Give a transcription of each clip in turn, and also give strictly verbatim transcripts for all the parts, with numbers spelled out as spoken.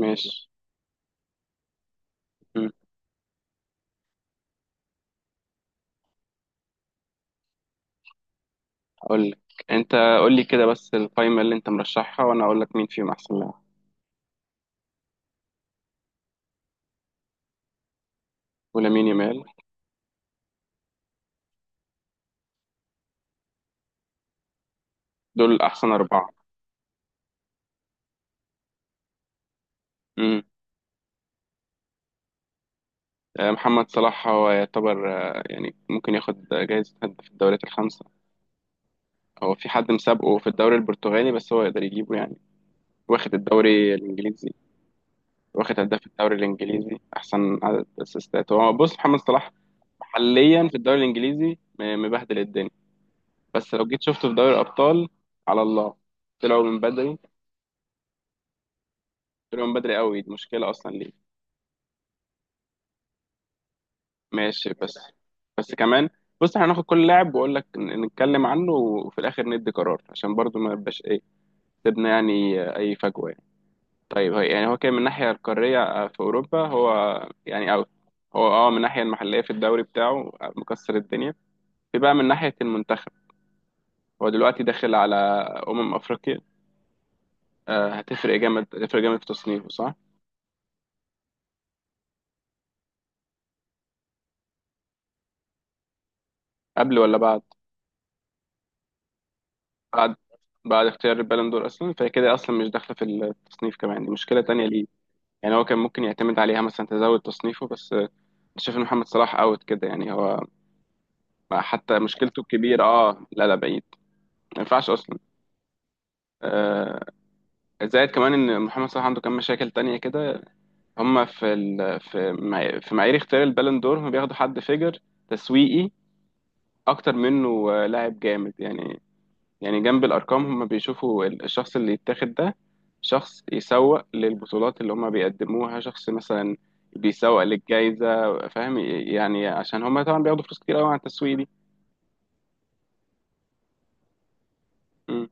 ماشي. مم. اقول لك. انت قول لي كده بس القائمه اللي انت مرشحها وانا اقول لك مين فيهم احسن لاعب. ولامين يامال دول احسن اربعه. امم محمد صلاح هو يعتبر، آه، يعني ممكن ياخد جايزه هداف في الدوريات الخمسه. هو في حد مسابقه في الدوري البرتغالي بس هو يقدر يجيبه يعني. واخد الدوري الانجليزي، واخد هداف الدوري الانجليزي، احسن عدد اسيستات هو بص محمد صلاح. حاليا في الدوري الانجليزي م- مبهدل الدنيا. بس لو جيت شفته في دوري الابطال، على الله، طلعوا من بدري. طلعوا من بدري قوي، دي مشكله اصلا ليه. ماشي بس. بس كمان بص احنا هناخد كل لاعب واقول لك ن- نتكلم عنه، وفي الاخر ندي قرار عشان برضو ما يبقاش ايه، سيبنا يعني آه، اي فجوه يعني. طيب هي يعني هو كان من الناحيه القاريه، آه، في اوروبا هو يعني اوت. هو اه من الناحيه المحليه في الدوري بتاعه آه، مكسر الدنيا. في بقى من ناحيه المنتخب، هو دلوقتي داخل على امم افريقيا. آه، هتفرق جامد، هتفرق جامد في تصنيفه صح. قبل ولا بعد؟ بعد. بعد اختيار البالون دور اصلا، فهي كده اصلا مش داخله في التصنيف، كمان دي مشكله تانية ليه. يعني هو كان ممكن يعتمد عليها مثلا تزود تصنيفه بس آه، شايف ان محمد صلاح اوت كده يعني. هو حتى مشكلته الكبيره، اه لا لا، بعيد. ما ينفعش اصلا. آه زائد كمان ان محمد صلاح عنده كام مشاكل تانية كده. هم في ال... في معاي- في معايير اختيار البالون دور، هم بياخدوا حد فيجر تسويقي اكتر منه، آه، لاعب جامد يعني. يعني جنب الأرقام هم بيشوفوا ال- الشخص اللي يتاخد ده شخص يسوق للبطولات اللي هم بيقدموها، شخص مثلا بيسوق للجائزة، فاهم يعني، عشان هم طبعا بياخدوا فلوس كتير قوي على التسويق دي. م-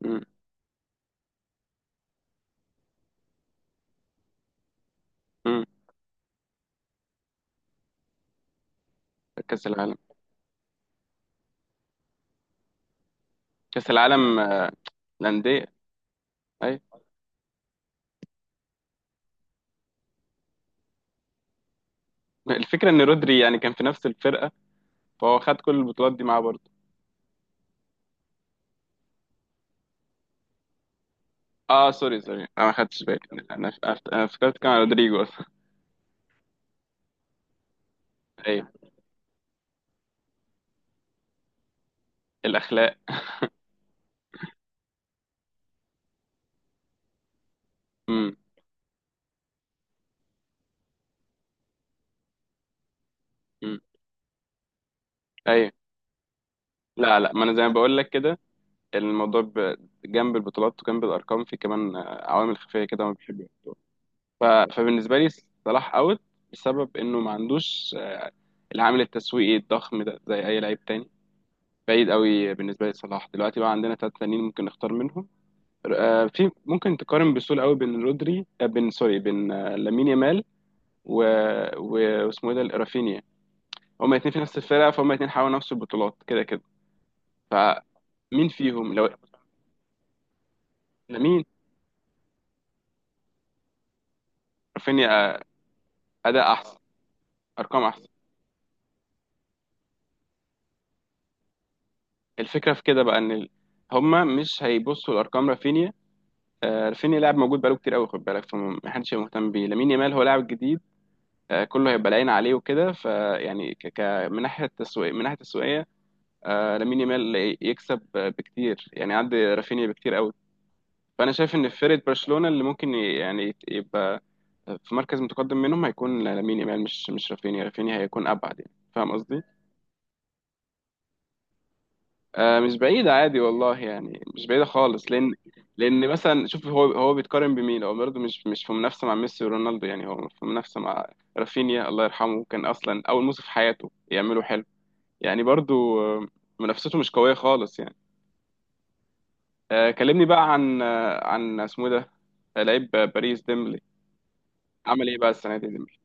م- م. كأس العالم. كأس العالم آه، الأندية. أي. الفكرة إن رودري يعني كان في نفس الفرقة، فهو خد كل البطولات دي معاه برضه. اه سوري سوري، انا ما خدتش بالي. انا أنا فكرت كان رودريجو اصلا. ايوه. الاخلاق. امم. امم. ايوه. لا لا، ما انا زي ما بقول لك كده. الموضوع ب- جنب البطولات وجنب الارقام في كمان آه، عوامل خفيه كده ما بحبها. ف- فبالنسبه لي صلاح اوت، بسبب انه ما عندوش آه، العامل التسويقي الضخم ده زي اي لعيب تاني. بعيد قوي بالنسبه لي صلاح دلوقتي. بقى عندنا ثلاث تانيين ممكن نختار منهم. آه، في ممكن تقارن بسهوله قوي بين رودري، آه، بين سوري، بين آه، لامين يامال و... و... واسمه ايه ده، رافينيا. هما الاثنين في نفس الفرقه، فهما الاثنين حاولوا نفس البطولات كده كده. فمين فيهم لو؟ لامين. رافينيا آه، اداء احسن، ارقام احسن. الفكره في كده بقى ان ال- هما مش هيبصوا لارقام رافينيا. آه، رافينيا لاعب موجود بقاله كتير قوي، خد بالك، فمحدش هيبقى مهتم بيه. لامين يامال هو لاعب جديد، آه، كله هيبقى العين عليه وكده، فيعني ك... ك... من ناحيه التسويق، من ناحيه التسويقيه آه، لامين يامال ي- يكسب آه، بكتير يعني عندي رافينيا بكتير قوي. فانا شايف ان فرقه برشلونه اللي ممكن ي- يعني يت- يبقى في مركز متقدم منهم هيكون لامين يامال، مش مش رافينيا. رافينيا هيكون ابعد، يعني فاهم قصدي. آه مش بعيدة عادي والله، يعني مش بعيدة خالص، لأن لأن مثلا شوف هو هو بيتقارن بمين. هو برضه مش مش في منافسة مع ميسي ورونالدو، يعني هو في منافسة مع رافينيا، الله يرحمه، كان أصلا أول موسم في حياته يعمله حلو يعني برضه، آه، منافسته مش قوية خالص يعني. آه كلمني بقى عن آه عن اسمه إيه ده، آه، لعيب باريس، ديمبلي. عمل إيه بقى السنة دي ديمبلي؟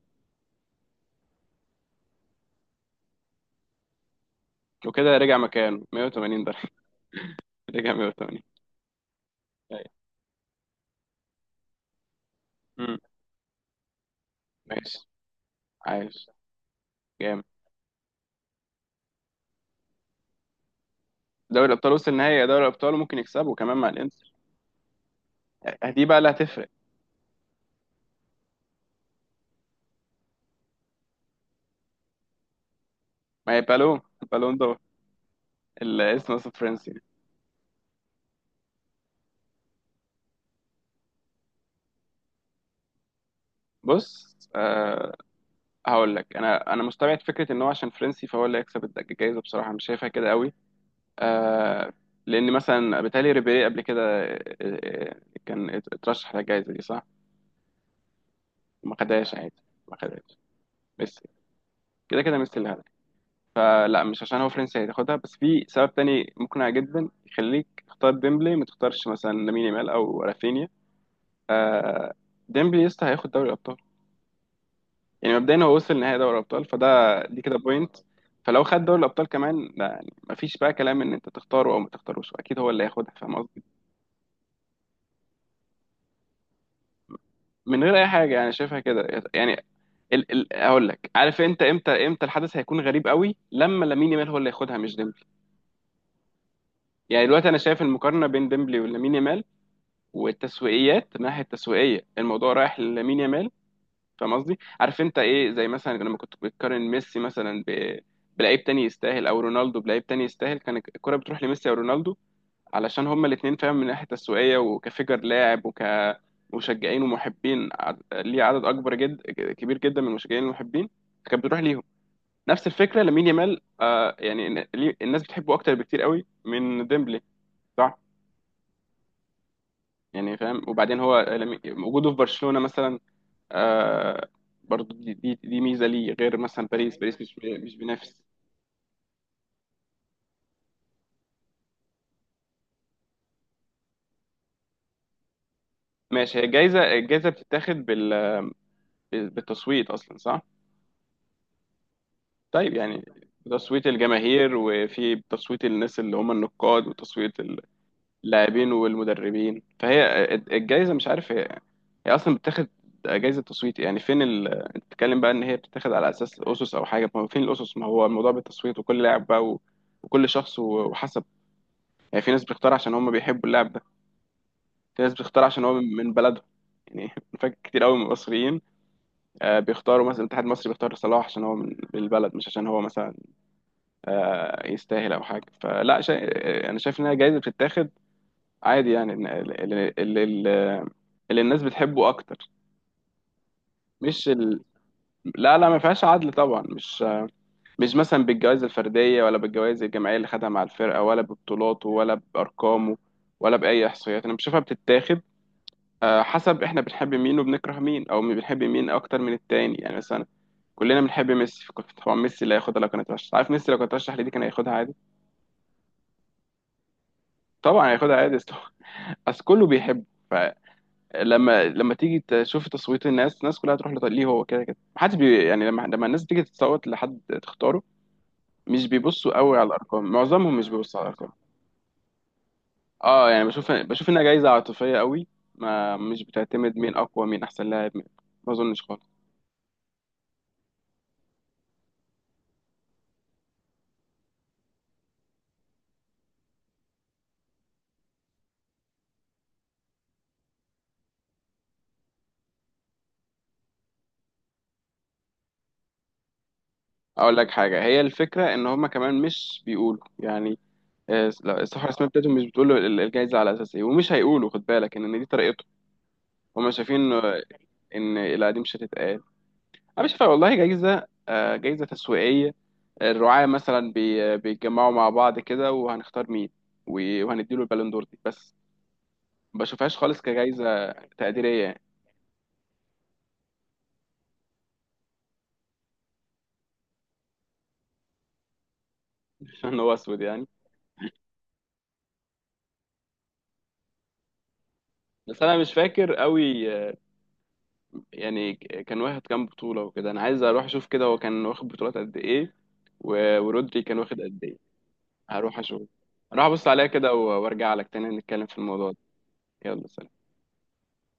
وكده رجع مكانه مية وتمانين درجة. رجع مية وتمانين. أيوة. مم. ماشي. عايش جامد. دوري الابطال وصل نهائي، يا دوري الابطال، وممكن يكسبه كمان مع الانتر. يعني دي بقى اللي هتفرق. ما هي بالون. بالون دور. الاسم اصلا فرنسي. بص أه، هقول لك، انا انا مستبعد فكره ان هو عشان فرنسي فهو اللي هيكسب الد- الجايزه، بصراحه مش شايفها كده قوي. أه، لان مثلا بيتهيألي ريبيري قبل كده، آه، آه، كان ات- اترشح للجائزه دي صح. ما خدهاش عادي. ما خدهاش. ميسي. كده كده ميسي اللي. فلا، مش عشان هو فرنسي هتاخدها، بس في سبب تاني مقنع جدا يخليك تختار ديمبلي ما تختارش مثلا لامين يامال او رافينيا. آه ديمبلي يسطا هياخد دوري الابطال. يعني مبدئيا هو وصل نهائي دوري الابطال، فده، دي كده بوينت. فلو خد دوري الابطال كمان، لا يعني مفيش بقى كلام ان انت تختاره او ما تختاروش، اكيد هو اللي هياخدها، فاهم قصدي، من غير اي حاجه. انا شايفها كده يعني. ال ال اقول لك، عارف انت امتى؟ امتى الحدث هيكون غريب قوي؟ لما لامين يامال هو اللي ياخدها مش ديمبلي. يعني دلوقتي انا شايف المقارنه بين ديمبلي ولامين يامال، والتسويقيات من الناحيه التسويقيه الموضوع رايح لمين يامال، فاهم قصدي. عارف انت ايه، زي مثلا لما كنت بتقارن ميسي مثلا ب... بلعيب تاني يستاهل، او رونالدو بلعيب تاني يستاهل، كان الكره بتروح لميسي او رونالدو، علشان هما الاثنين فاهم من ناحيه تسويقيه وكفيجر لاعب وكمشجعين ومحبين ع- ليه عدد اكبر جد، كبير جدا من المشجعين المحبين، كانت بتروح ليهم. نفس الفكره لامين يامال، آه، يعني ن- ليه- الناس بتحبه اكتر بكتير قوي من ديمبلي، صح. يعني فاهم. وبعدين هو لامين- وجوده في برشلونه مثلا آه برضو دي, دي, دي ميزه ليه، غير مثلا باريس، باريس مش مش بينافس. ماشي، هي الجايزه، الجايزه بتتاخد بال بالتصويت اصلا صح. طيب يعني بتصويت الجماهير، وفي تصويت الناس اللي هم النقاد، وتصويت اللاعبين والمدربين، فهي الجايزه، مش عارف، هي, هي اصلا بتاخد جايزه تصويت يعني. فين ال... انت بتتكلم بقى ان هي بتتاخد على اساس اسس او حاجه، ما هو فين الاسس، ما هو الموضوع بالتصويت، وكل لاعب بقى و... وكل شخص و- وحسب. يعني في ناس بتختار عشان هم بيحبوا اللاعب، في ناس بتختار عشان هو من من بلدهم. يعني فاكر كتير قوي من المصريين، آه، بيختاروا مثلا الاتحاد المصري بيختار صلاح عشان هو من من البلد، مش عشان هو مثلا آه، يستاهل او حاجه. فلا شا... آه، انا شايف انها جايزه بتتاخد عادي يعني، إن ال- ال- ال- ال- اللي الناس بتحبه اكتر. مش ال... لا لا، ما فيهاش عدل طبعا، مش آه، مش مثلا بالجوائز الفرديه، ولا بالجوائز الجماعيه اللي خدها مع الفرقه، ولا ببطولاته، ولا بارقامه، ولا باي احصائيات. انا بشوفها بتتاخد آه، حسب احنا بنحب مين وبنكره مين، او مين بنحب مين اكتر من التاني. يعني مثلا كلنا بنحب ميسي، طبعا ميسي لا ياخدها لو كان اترشح، عارف، ميسي لو كان اترشح لدي كان هياخدها عادي. طبعا هياخدها عادي، اصل اصل كله بيحبه. فلما لما تيجي تشوف تصويت الناس، الناس كلها تروح لط- ليه، هو كده كده محدش بي يعني. لما لما الناس تيجي تصوت لحد تختاره، مش بيبصوا قوي على الارقام، معظمهم مش بيبصوا على الارقام. اه يعني بشوف بشوف انها جايزه عاطفيه قوي. ما مش بتعتمد مين اقوى، مين احسن لاعب مين. ما اظنش خالص. اقول لك حاجه، هي الفكره ان هم كمان مش بيقولوا يعني، آه، لا، الصحافه الرسميه بتاعتهم مش بتقول له ال- الجايزه على اساس ايه، ومش هيقولوا، خد بالك ان إن دي طريقتهم. هم شايفين آه، ان لا دي مش هتتقال. انا مش شايفها والله جايزه، آه، جايزه تسويقيه. الرعاة مثلا بي- آه، بيتجمعوا مع بعض كده، وهنختار مين و- وهنديله البالون دور دي بس. ما بشوفهاش خالص كجايزه تقديريه يعني. عشان هو اسود يعني. بس انا مش فاكر قوي يعني كان واخد كام بطولة وكده. أنا عايز أروح أشوف كده هو كان واخد بطولات قد إيه، و- ورودري كان واخد قد إيه. هروح أشوف. هروح أبص عليها كده و- وأرجع لك تاني نتكلم في الموضوع ده. يلا سلام.